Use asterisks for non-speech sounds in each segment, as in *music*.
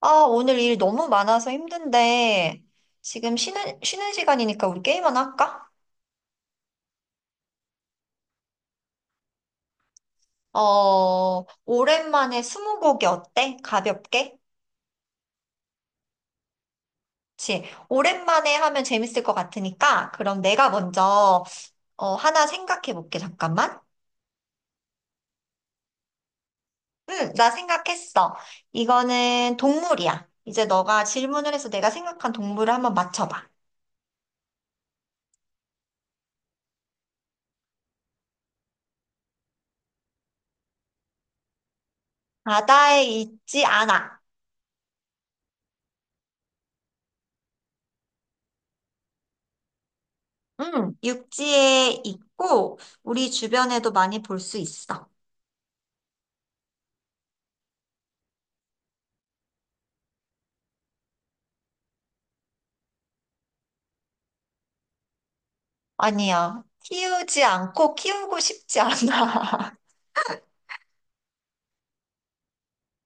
아, 오늘 일 너무 많아서 힘든데, 지금 쉬는 시간이니까 우리 게임 하나 할까? 오랜만에 스무고개 어때? 가볍게? 그치? 오랜만에 하면 재밌을 것 같으니까, 그럼 내가 먼저, 하나 생각해 볼게, 잠깐만. 응, 나 생각했어. 이거는 동물이야. 이제 너가 질문을 해서 내가 생각한 동물을 한번 맞춰봐. 바다에 있지 않아. 응, 육지에 있고, 우리 주변에도 많이 볼 수 있어. 아니야. 키우지 않고 키우고 싶지 않아. *laughs*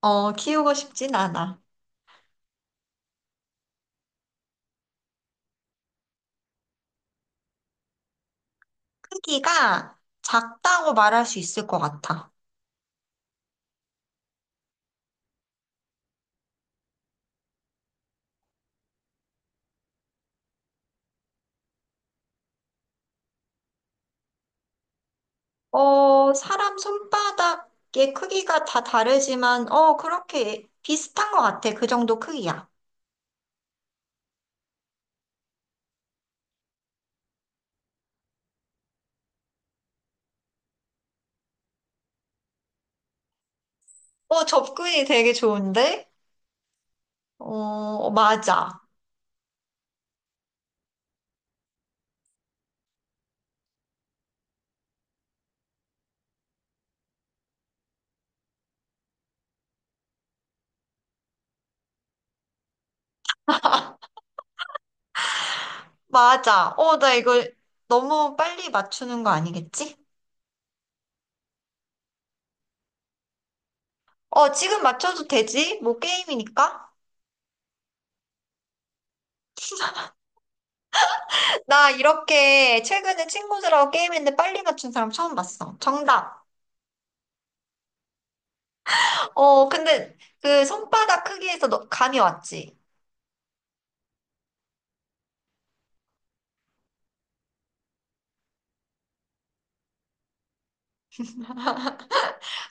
키우고 싶진 않아. 크기가 작다고 말할 수 있을 것 같아. 어, 사람 손바닥의 크기가 다 다르지만, 그렇게 비슷한 것 같아. 그 정도 크기야. 접근이 되게 좋은데? 어, 맞아. 맞아. 나 이거 너무 빨리 맞추는 거 아니겠지? 지금 맞춰도 되지? 뭐 게임이니까? 나 이렇게 최근에 친구들하고 게임했는데 빨리 맞춘 사람 처음 봤어. 정답. 어, 근데 그 손바닥 크기에서 너, 감이 왔지.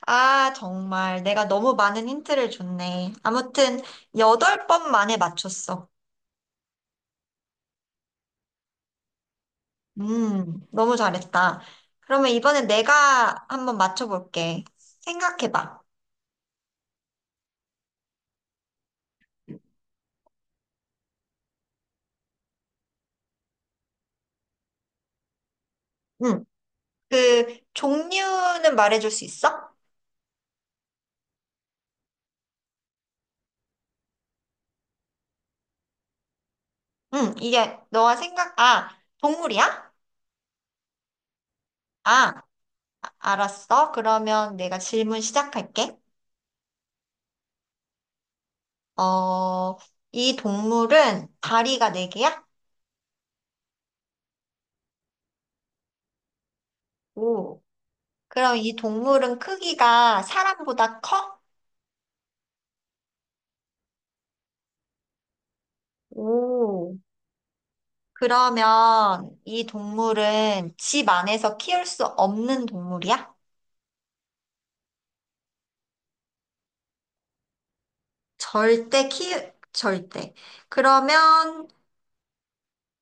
아, 정말 내가 너무 많은 힌트를 줬네. 아무튼 여덟 번 만에 맞췄어. 너무 잘했다. 그러면 이번엔 내가 한번 맞춰볼게. 생각해봐. 응. 그 종류는 말해줄 수 있어? 응, 이게 너가 동물이야? 아. 알았어. 그러면 내가 질문 시작할게. 어, 이 동물은 다리가 네개야 오. 그럼 이 동물은 크기가 사람보다 커? 오. 그러면 이 동물은 집 안에서 키울 수 없는 동물이야? 절대 키, 절대. 그러면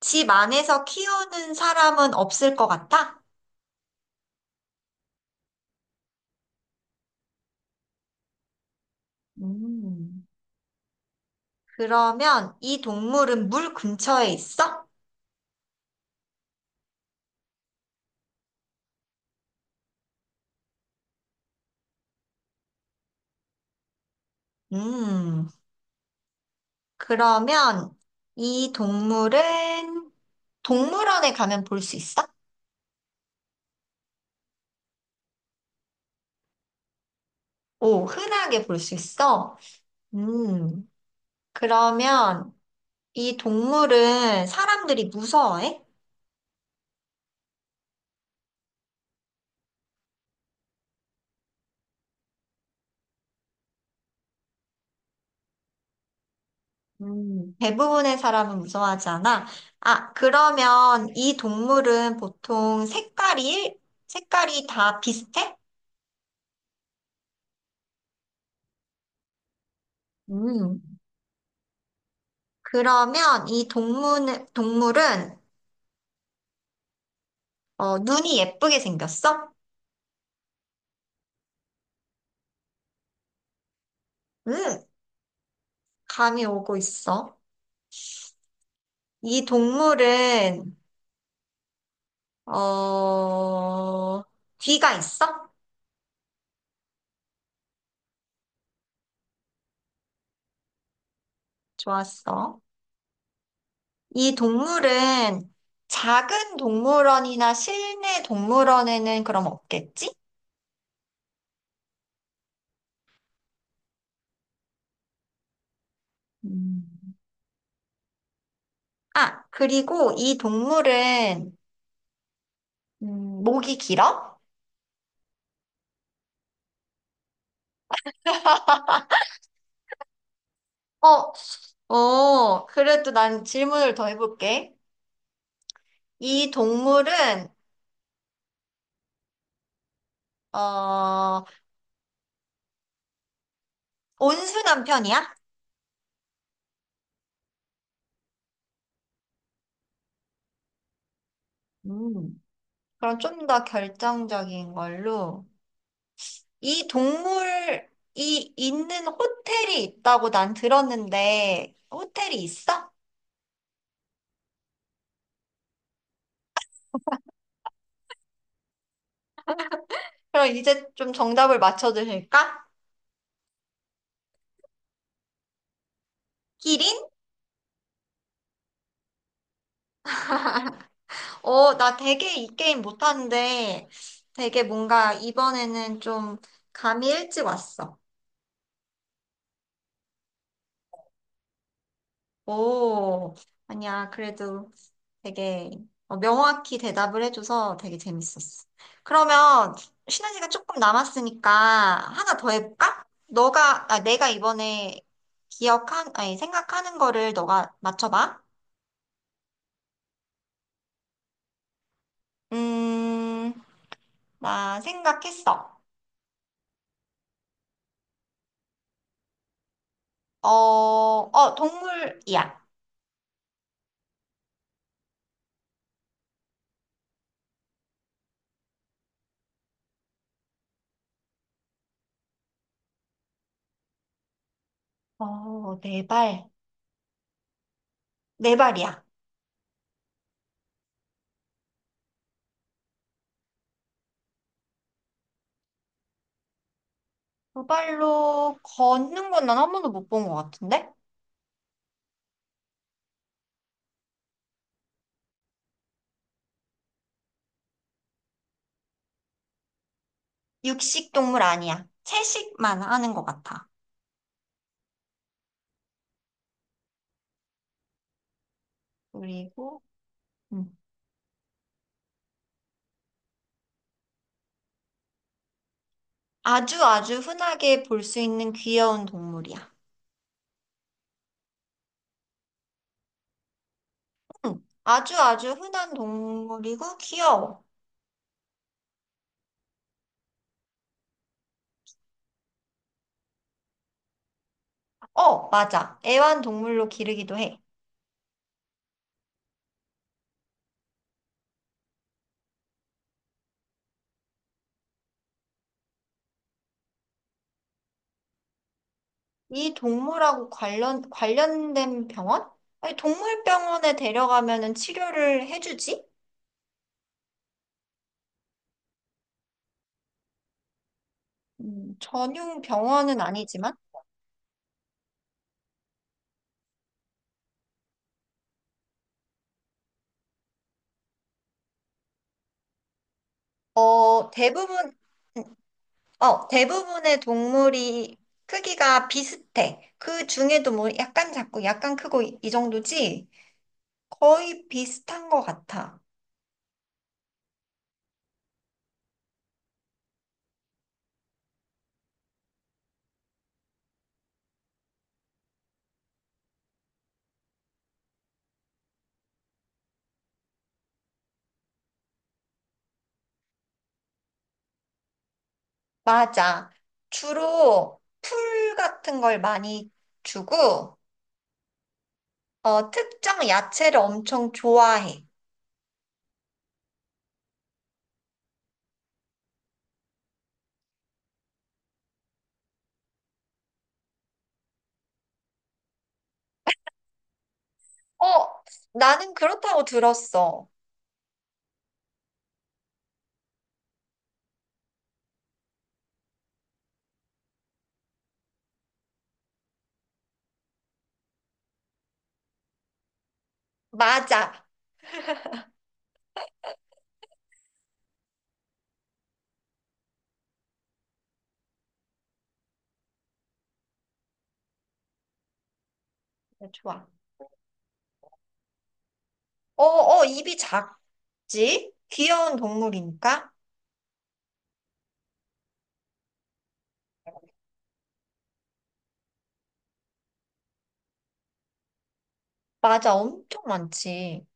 집 안에서 키우는 사람은 없을 것 같아? 음. 그러면 이 동물은 물 근처에 있어? 음. 그러면 이 동물은 동물원에 가면 볼 수 있어? 오, 흔하게 볼 수 있어? 음, 그러면 이 동물은 사람들이 무서워해? 대부분의 사람은 무서워하지 않아? 아, 그러면 이 동물은 보통 색깔이 다 비슷해? 음, 그러면 이 동물은, 눈이 예쁘게 생겼어? 음, 감이 오고 있어. 이 동물은, 어, 귀가 있어? 좋았어. 이 동물은 작은 동물원이나 실내 동물원에는 그럼 없겠지? 음. 아, 그리고 이 동물은, 음, 목이 길어? 어, 어, 그래도 난 질문을 더 해볼게. 이 동물은, 어, 온순한 편이야? 음. 그럼 좀 더 결정적인 걸로. 이 동물이 있는 호텔이 있다고 난 들었는데, 호텔이 있어? 그럼 이제 좀 정답을 맞춰주실까? 기린? 어, 나 되게 이 게임 못하는데, 되게 뭔가 이번에는 좀 감이 일찍 왔어. 오, 아니야. 그래도 되게 명확히 대답을 해줘서 되게 재밌었어. 그러면 쉬는 시간 조금 남았으니까 하나 더 해볼까? 내가 이번에 기억한, 아니, 생각하는 거를 너가 맞춰봐. 음, 나 생각했어. 어, 동물이야. 어, 네 발. 네 발이야. 두 발로 걷는 건 난 한 번도 못 본 것 같은데? 육식 동물 아니야. 채식만 하는 것 같아. 그리고 음, 아주 아주 흔하게 볼 수 있는 귀여운 동물이야. 아주 아주 흔한 동물이고 귀여워. 어, 맞아. 애완동물로 기르기도 해. 이 동물하고 관련된 병원? 아니, 동물병원에 데려가면은 치료를 해주지? 전용 병원은 아니지만 어, 대부분 어, 대부분의 동물이 크기가 비슷해. 그 중에도 뭐 약간 작고 약간 크고 이 정도지? 거의 비슷한 것 같아. 맞아. 주로 풀 같은 걸 많이 주고, 특정 야채를 엄청 좋아해. 어, 나는 그렇다고 들었어. 맞아. 어, 좋아. 입이 작지? 귀여운 동물이니까? 맞아, 엄청 많지.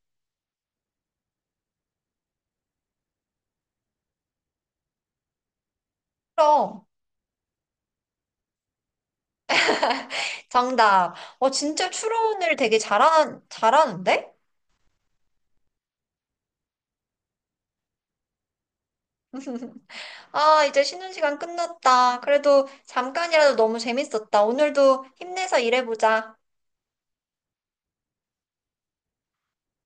그럼. *laughs* 정답. 어, 진짜 추론을 잘하는데? 아, 이제 쉬는 시간 끝났다. 그래도 잠깐이라도 너무 재밌었다. 오늘도 힘내서 일해보자.